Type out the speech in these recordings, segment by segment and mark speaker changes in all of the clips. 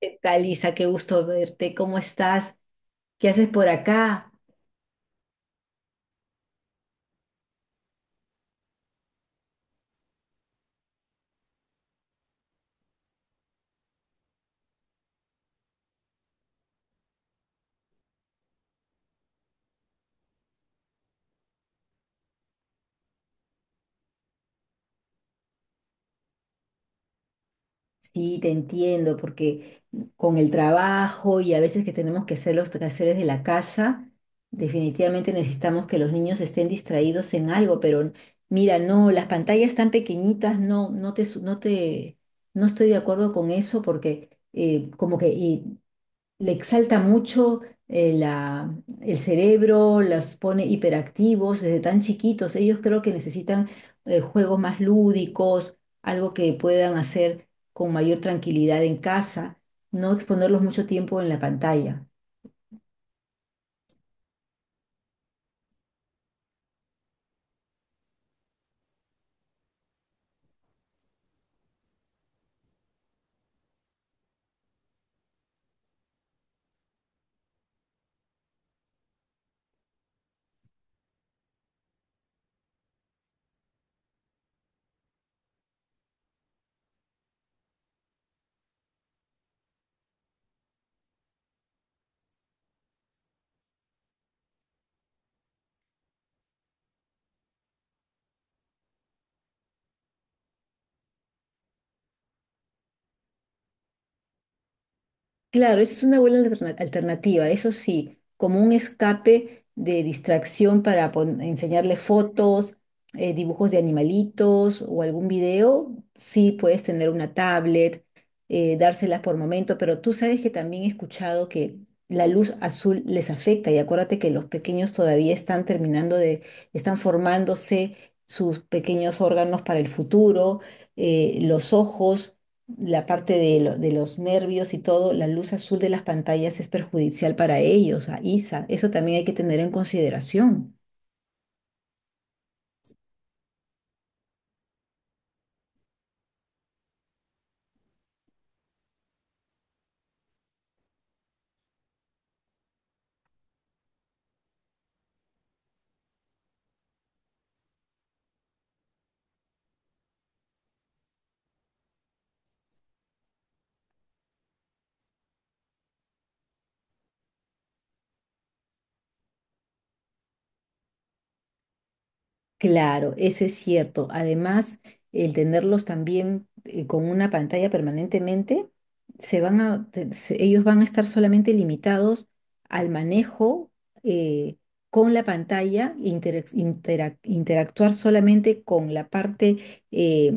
Speaker 1: ¿Qué tal, Isa? Qué gusto verte. ¿Cómo estás? ¿Qué haces por acá? Sí, te entiendo, porque con el trabajo y a veces que tenemos que hacer los quehaceres de la casa, definitivamente necesitamos que los niños estén distraídos en algo, pero mira, no, las pantallas tan pequeñitas, no, no te, su- no te, no estoy de acuerdo con eso porque como que le exalta mucho, eh, la- el cerebro, los pone hiperactivos desde tan chiquitos. Ellos creo que necesitan juegos más lúdicos, algo que puedan hacer con mayor tranquilidad en casa, no exponerlos mucho tiempo en la pantalla. Claro, esa es una buena alternativa, eso sí, como un escape de distracción para enseñarle fotos, dibujos de animalitos o algún video. Sí puedes tener una tablet, dárselas por momento, pero tú sabes que también he escuchado que la luz azul les afecta, y acuérdate que los pequeños todavía están están formándose sus pequeños órganos para el futuro, los ojos, la parte de los nervios y todo. La luz azul de las pantallas es perjudicial para ellos, a Isa. Eso también hay que tener en consideración. Claro, eso es cierto. Además, el tenerlos también, con una pantalla permanentemente, se van a, te- se- ellos van a estar solamente limitados al manejo, eh, con la pantalla, interactuar solamente con la parte, eh,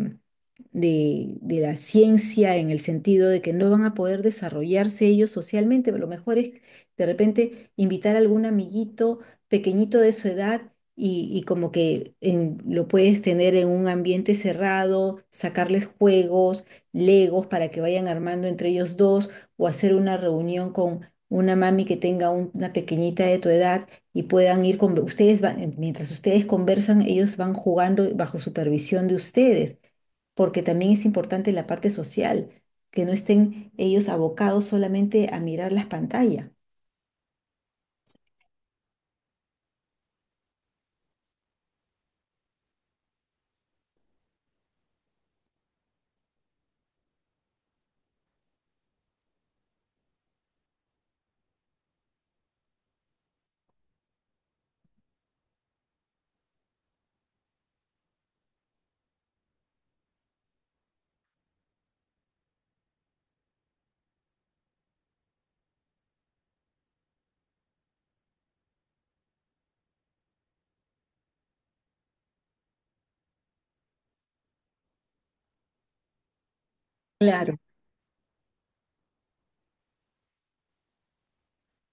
Speaker 1: de, de la ciencia, en el sentido de que no van a poder desarrollarse ellos socialmente. Lo mejor es de repente invitar a algún amiguito pequeñito de su edad y como que lo puedes tener en un ambiente cerrado, sacarles juegos, legos para que vayan armando entre ellos dos, o hacer una reunión con una mami que tenga una pequeñita de tu edad y puedan ir con ustedes, mientras ustedes conversan, ellos van jugando bajo supervisión de ustedes, porque también es importante la parte social, que no estén ellos abocados solamente a mirar las pantallas.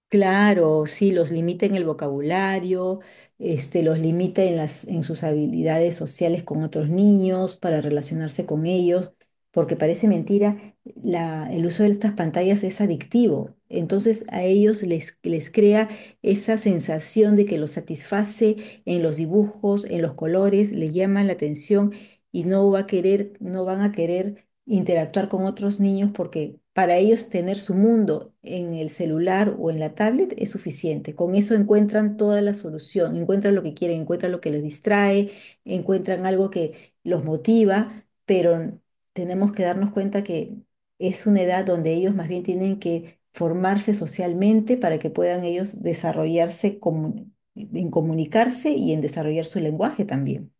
Speaker 1: Claro, sí, los limita en el vocabulario, este, los limita en en sus habilidades sociales con otros niños, para relacionarse con ellos, porque parece mentira, el uso de estas pantallas es adictivo. Entonces a ellos les crea esa sensación de que los satisface en los dibujos, en los colores, les llama la atención y no van a querer interactuar con otros niños, porque para ellos tener su mundo en el celular o en la tablet es suficiente. Con eso encuentran toda la solución, encuentran lo que quieren, encuentran lo que les distrae, encuentran algo que los motiva, pero tenemos que darnos cuenta que es una edad donde ellos más bien tienen que formarse socialmente para que puedan ellos desarrollarse en comunicarse y en desarrollar su lenguaje también.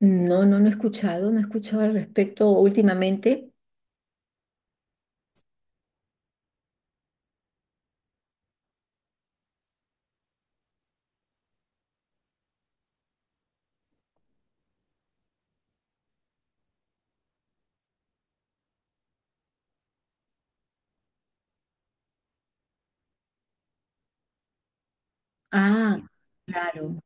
Speaker 1: No, no he escuchado, no he escuchado al respecto últimamente. Ah, claro.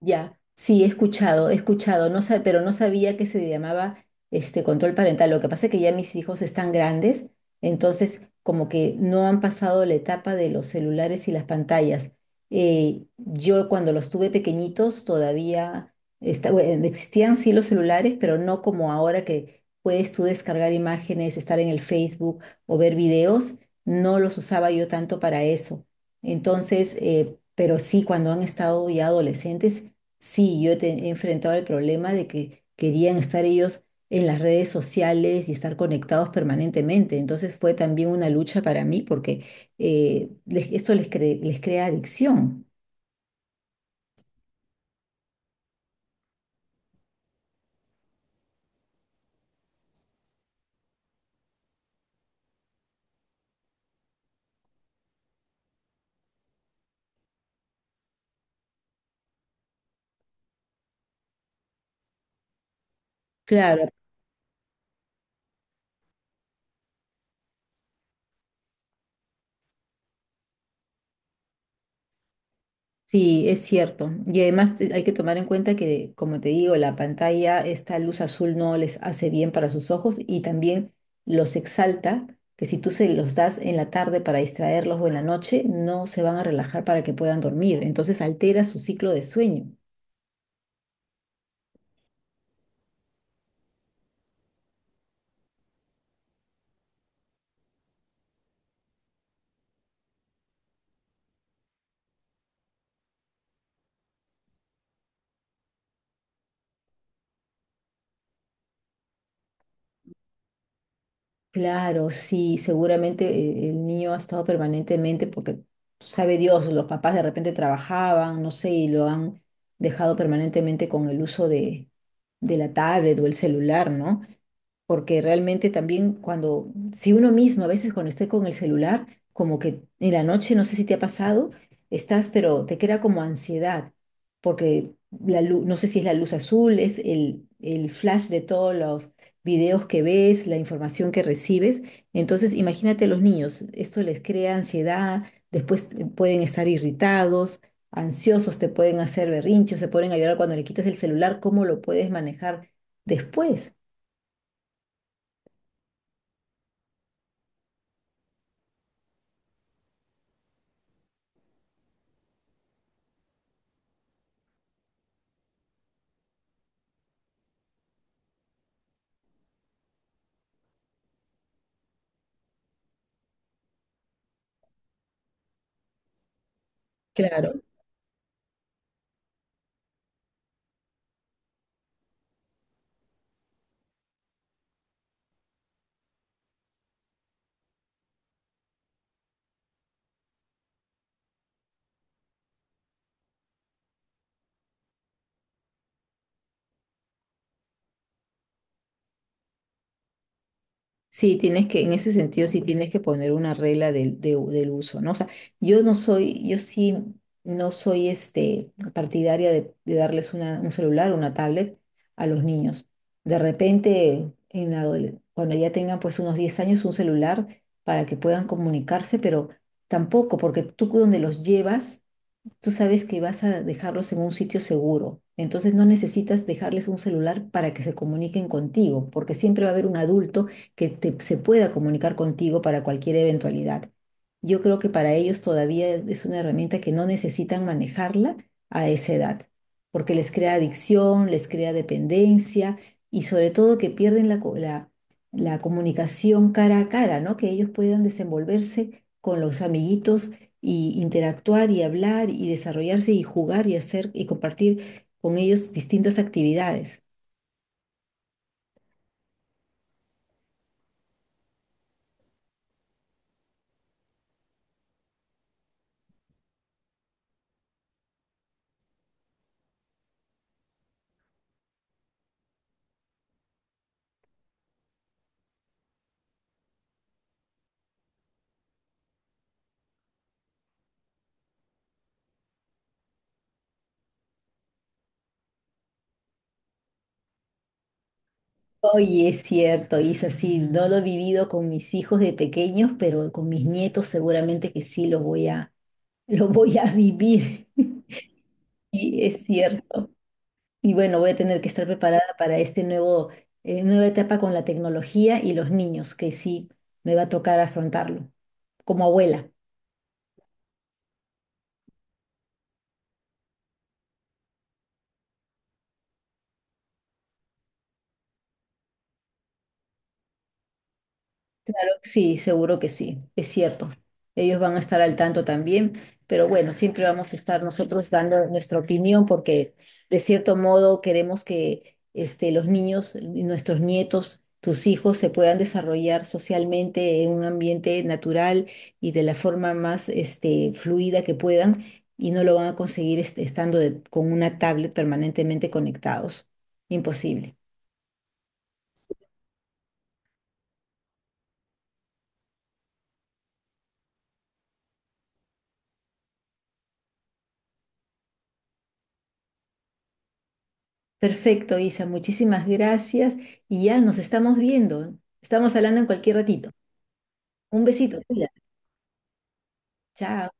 Speaker 1: Ya, sí, he escuchado, pero no sabía que se llamaba este control parental. Lo que pasa es que ya mis hijos están grandes, entonces como que no han pasado la etapa de los celulares y las pantallas. Yo cuando los tuve pequeñitos todavía, bueno, existían sí los celulares, pero no como ahora que puedes tú descargar imágenes, estar en el Facebook o ver videos. No los usaba yo tanto para eso. Entonces, pero sí, cuando han estado ya adolescentes, sí, he enfrentado el problema de que querían estar ellos en las redes sociales y estar conectados permanentemente. Entonces fue también una lucha para mí porque les crea adicción. Claro, sí, es cierto. Y además, hay que tomar en cuenta que, como te digo, la pantalla, esta luz azul no les hace bien para sus ojos, y también los exalta, que si tú se los das en la tarde para distraerlos o en la noche, no se van a relajar para que puedan dormir. Entonces altera su ciclo de sueño. Claro, sí, seguramente el niño ha estado permanentemente porque sabe Dios, los papás de repente trabajaban, no sé, y lo han dejado permanentemente con el uso de la tablet o el celular, ¿no? Porque realmente también cuando, si uno mismo a veces cuando esté con el celular, como que en la noche, no sé si te ha pasado, estás, pero te queda como ansiedad, porque la luz, no sé si es la luz azul, es el flash de todos los videos que ves, la información que recibes. Entonces, imagínate a los niños, esto les crea ansiedad, después pueden estar irritados, ansiosos, te pueden hacer berrinches, se pueden a llorar cuando le quitas el celular. ¿Cómo lo puedes manejar después? Claro. Sí, tienes que, en ese sentido, sí tienes que poner una regla del uso, ¿no? O sea, yo sí no soy, este, partidaria de darles una, un celular, o una tablet a los niños. De repente, en la cuando ya tengan pues unos 10 años, un celular para que puedan comunicarse, pero tampoco, porque tú donde los llevas tú sabes que vas a dejarlos en un sitio seguro. Entonces no necesitas dejarles un celular para que se comuniquen contigo, porque siempre va a haber un adulto que se pueda comunicar contigo para cualquier eventualidad. Yo creo que para ellos todavía es una herramienta que no necesitan manejarla a esa edad, porque les crea adicción, les crea dependencia, y sobre todo que pierden la comunicación cara a cara, ¿no? Que ellos puedan desenvolverse con los amiguitos y interactuar y hablar y desarrollarse y jugar y hacer y compartir con ellos distintas actividades. Oye, es cierto, Isa, sí, no lo he vivido con mis hijos de pequeños, pero con mis nietos seguramente que sí lo voy a vivir. Sí, es cierto. Y bueno, voy a tener que estar preparada para nueva etapa con la tecnología y los niños, que sí me va a tocar afrontarlo como abuela. Sí, seguro que sí, es cierto. Ellos van a estar al tanto también, pero bueno, siempre vamos a estar nosotros dando nuestra opinión, porque de cierto modo queremos que, este, los niños, nuestros nietos, tus hijos se puedan desarrollar socialmente en un ambiente natural y de la forma más, este, fluida que puedan, y no lo van a conseguir, este, con una tablet permanentemente conectados. Imposible. Perfecto, Isa, muchísimas gracias, y ya nos estamos viendo. Estamos hablando en cualquier ratito. Un besito, cuídate. Chao.